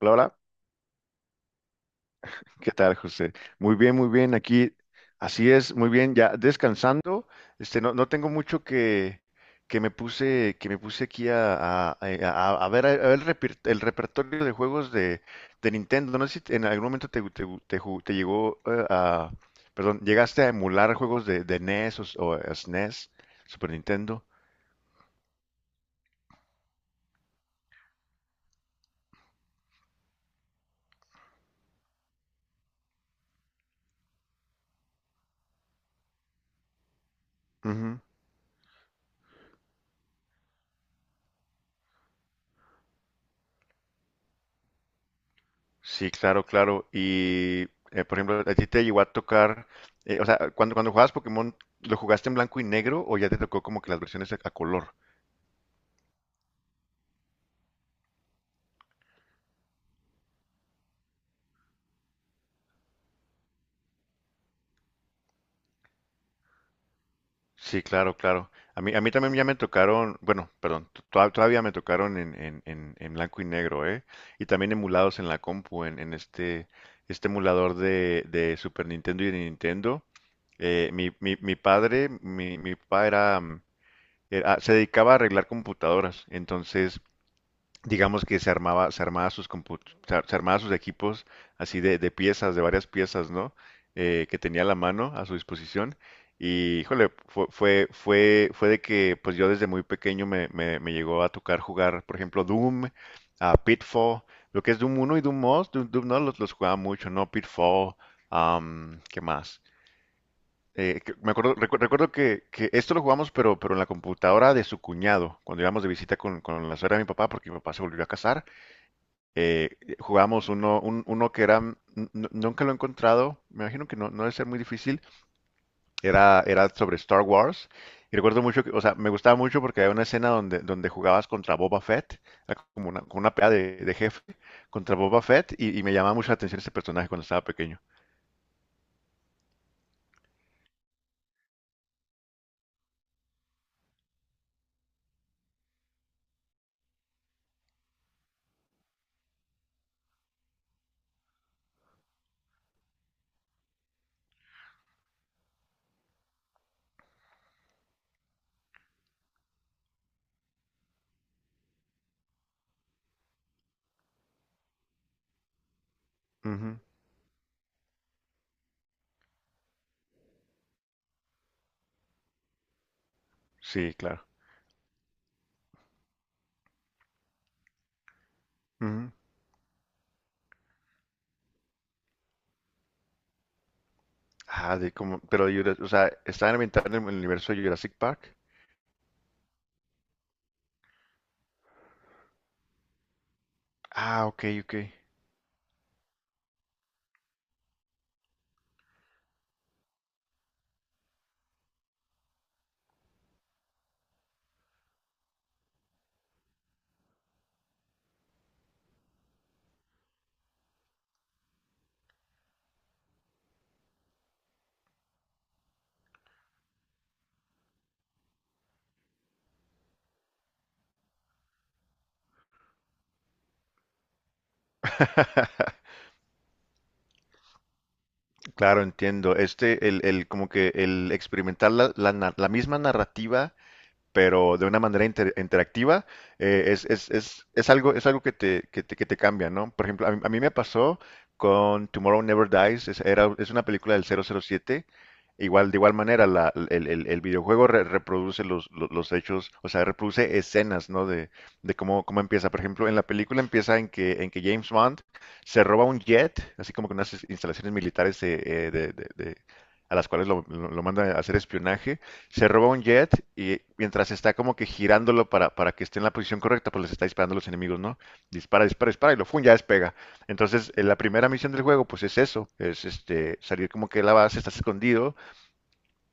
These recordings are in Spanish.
Hola, hola. ¿Qué tal, José? Muy bien, muy bien. Aquí, así es, muy bien. Ya descansando. Este, no, no tengo mucho que, que me puse aquí a ver el, el repertorio de juegos de Nintendo. No sé si en algún momento te llegó perdón, llegaste a emular juegos de NES o SNES, Super Nintendo. Sí, claro, claro. Y, por ejemplo, ¿a ti te llegó a tocar, o sea, cuando jugabas Pokémon, ¿lo jugaste en blanco y negro o ya te tocó como que las versiones a color? Sí, claro, claro. A mí también ya me tocaron, bueno, perdón, todavía me tocaron en blanco y negro, ¿eh? Y también emulados en la compu, en este emulador de Super Nintendo y de Nintendo. Mi papá se dedicaba a arreglar computadoras, entonces digamos que se armaba sus equipos así de piezas, de varias piezas, ¿no? Que tenía a la mano a su disposición. Y, híjole, fue de que pues yo desde muy pequeño me llegó a tocar jugar, por ejemplo, Doom, a Pitfall, lo que es Doom 1 y Doom 2 Doom, Doom, no los jugaba mucho, ¿no? Pitfall, ¿qué más? Me acuerdo, recuerdo que esto lo jugamos, pero en la computadora de su cuñado, cuando íbamos de visita con la suegra de mi papá, porque mi papá se volvió a casar jugamos uno, uno que era, nunca lo he encontrado, me imagino que no debe ser muy difícil, era sobre Star Wars. Y recuerdo mucho que, o sea, me gustaba mucho porque había una escena donde jugabas contra Boba Fett, era como una pelea de jefe contra Boba Fett, y me llamaba mucho la atención ese personaje cuando estaba pequeño. Ujú. Sí, claro. Ujú. Ah, de como, pero, Jura- o sea, estaba ambientado en el universo de Jurassic Park. Ah, ok, ok. Claro, entiendo. Este, como que el experimentar la misma narrativa pero de una manera interactiva, es algo que te cambia, ¿no? Por ejemplo, a mí me pasó con Tomorrow Never Dies, es una película del 007, igual, de igual manera, el videojuego reproduce los hechos, o sea, reproduce escenas, ¿no? De cómo empieza. Por ejemplo, en la película empieza en que James Bond se roba un jet, así como con unas instalaciones militares eh, de, de- de- a las cuales lo manda a hacer espionaje, se roba un jet y mientras está como que girándolo para que esté en la posición correcta, pues les está disparando a los enemigos, ¿no? Dispara, dispara, dispara ya despega. Entonces, en la primera misión del juego, pues es eso, es este salir como que de la base, estás escondido,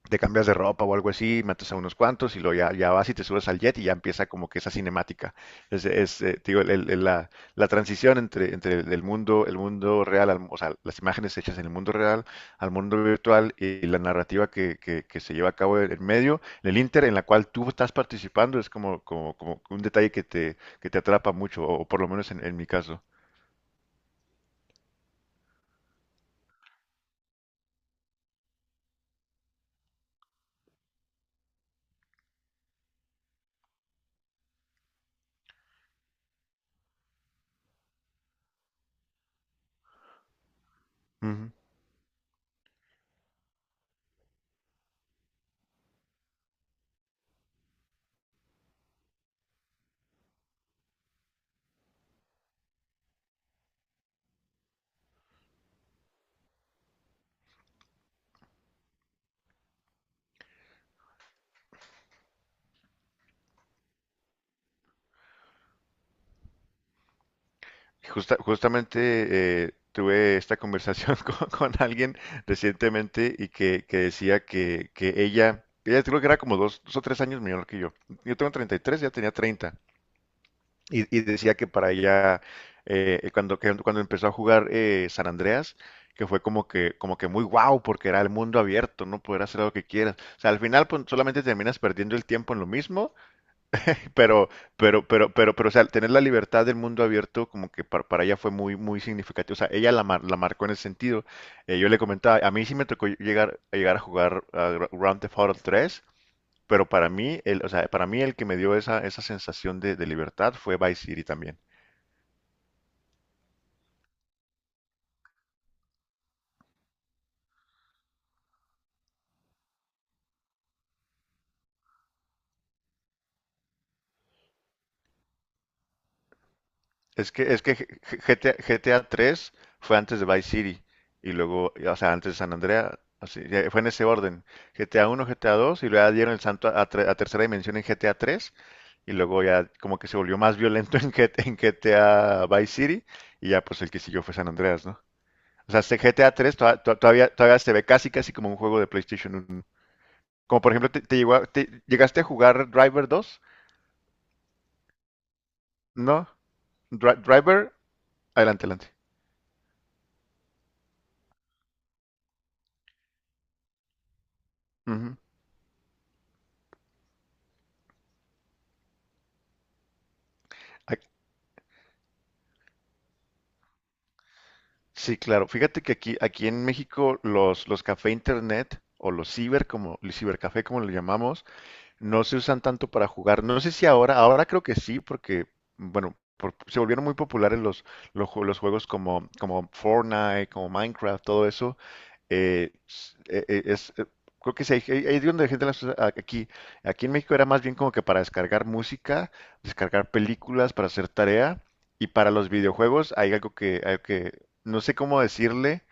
te cambias de ropa o algo así, matas a unos cuantos y luego ya vas y te subes al jet y ya empieza como que esa cinemática. Te digo, la transición entre el mundo real, o sea, las imágenes hechas en el mundo real al mundo virtual y la narrativa que se lleva a cabo en medio, en el inter en la cual tú estás participando, es como un detalle que te atrapa mucho, o por lo menos en mi caso. Justamente tuve esta conversación con alguien recientemente y que decía que ella creo que era como dos, 2 o 3 años menor que yo. Yo tengo 33. Ya tenía 30. Y decía que para ella, cuando empezó a jugar San Andreas, que fue como que muy guau, porque era el mundo abierto, no poder hacer lo que quieras. O sea, al final pues, solamente terminas perdiendo el tiempo en lo mismo pero, o sea, tener la libertad del mundo abierto como que para ella fue muy, muy significativo. O sea, ella la marcó en ese sentido. Yo le comentaba, a mí sí me tocó llegar a jugar a Grand Theft Auto 3, pero para mí, o sea, para mí el que me dio esa sensación de libertad fue Vice City también. Es que GTA 3 fue antes de Vice City y luego, o sea, antes de San Andreas, así, fue en ese orden. GTA 1, GTA 2 y luego ya dieron el santo a tercera dimensión en GTA 3. Y luego ya como que se volvió más violento en GTA, en GTA Vice City. Y ya pues el que siguió fue San Andreas, ¿no? O sea, este GTA 3 todavía, todavía se ve casi casi como un juego de PlayStation 1. Como por ejemplo, te llegó a- te- ¿llegaste a jugar Driver dos? No. Driver, adelante, adelante. Ujú. Ac- Sí, claro. Fíjate que aquí, aquí en México los café internet o los ciber, como el cibercafé como lo llamamos, no se usan tanto para jugar. No sé si ahora, ahora creo que sí, porque, bueno, se volvieron muy populares los juegos como Fortnite, como Minecraft, todo eso. eh, s- eh, eh, es, eh, Creo que sí, ahí es donde la gente las usa aquí. Aquí en México era más bien como que para descargar música, descargar películas, para hacer tarea. Y para los videojuegos hay algo que no sé cómo decirle.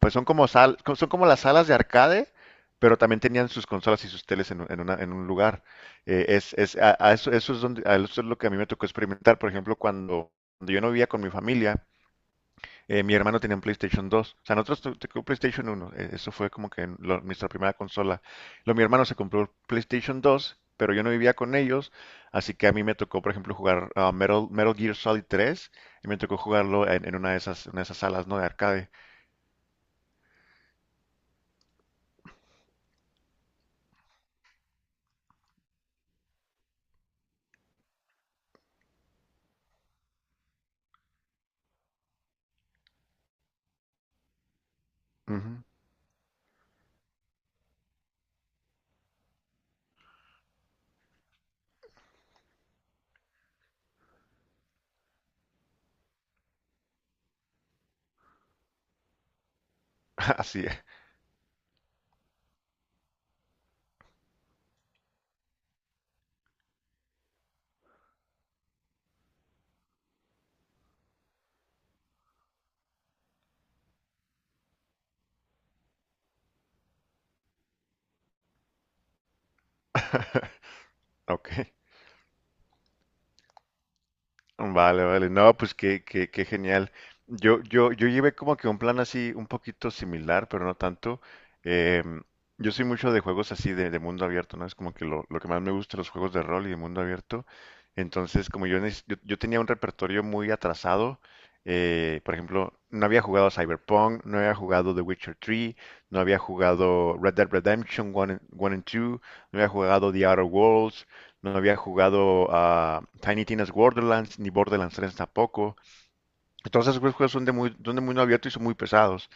Pues son como las salas de arcade, pero también tenían sus consolas y sus teles en un lugar. A eso es lo que a mí me tocó experimentar. Por ejemplo, cuando yo no vivía con mi familia, mi hermano tenía un PlayStation 2. O sea, nosotros tocó PlayStation 1. Eso fue como que nuestra primera consola. Luego mi hermano se compró el PlayStation 2, pero yo no vivía con ellos. Así que a mí me tocó, por ejemplo, jugar Metal Gear Solid 3. Y me tocó jugarlo en una de esas salas, ¿no? De arcade. Ujú. Así Ok, vale, vale. No, pues qué genial. Yo llevé como que un plan así un poquito similar, pero no tanto. Em, yo soy mucho de juegos así de mundo abierto, ¿no? Es como que lo que más me gusta, los juegos de rol y de mundo abierto. Entonces, como yo, yo tenía un repertorio muy atrasado, por ejemplo, no había jugado Cyberpunk, no había jugado The Witcher 3, no había jugado Red Dead Redemption 1 and 2, no había jugado The Outer Worlds, no había jugado a Tiny Tina's Borderlands ni Borderlands 3 tampoco. Entonces, esos juegos son de muy abierto y son muy pesados.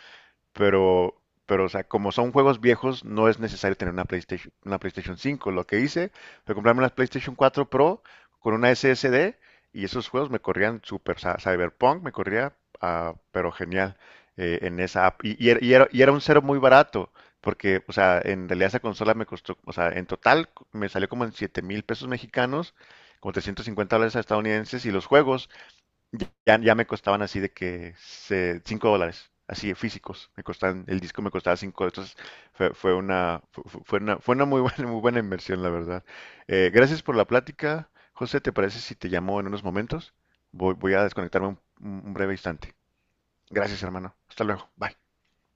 Pero, o sea, como son juegos viejos, no es necesario tener una PlayStation 5. Lo que hice fue comprarme una PlayStation 4 Pro con una SSD y esos juegos me corrían súper. O sea, Cyberpunk me corría, pero genial en esa app. Y era un cero muy barato, porque, o sea, en realidad esa consola me costó, o sea, en total me salió como en 7,000 pesos mexicanos, como 350 dólares estadounidenses y los juegos. Ya, ya me costaban así de que 5 dólares, así de físicos. Me costaban, el disco me costaba cinco, entonces fue, fue una, fu- fu- fue una muy buena, muy buena inversión, la verdad. Gracias por la plática. José, ¿te parece si te llamo en unos momentos? Voy a desconectarme un breve instante. Gracias, hermano. Hasta luego. Bye.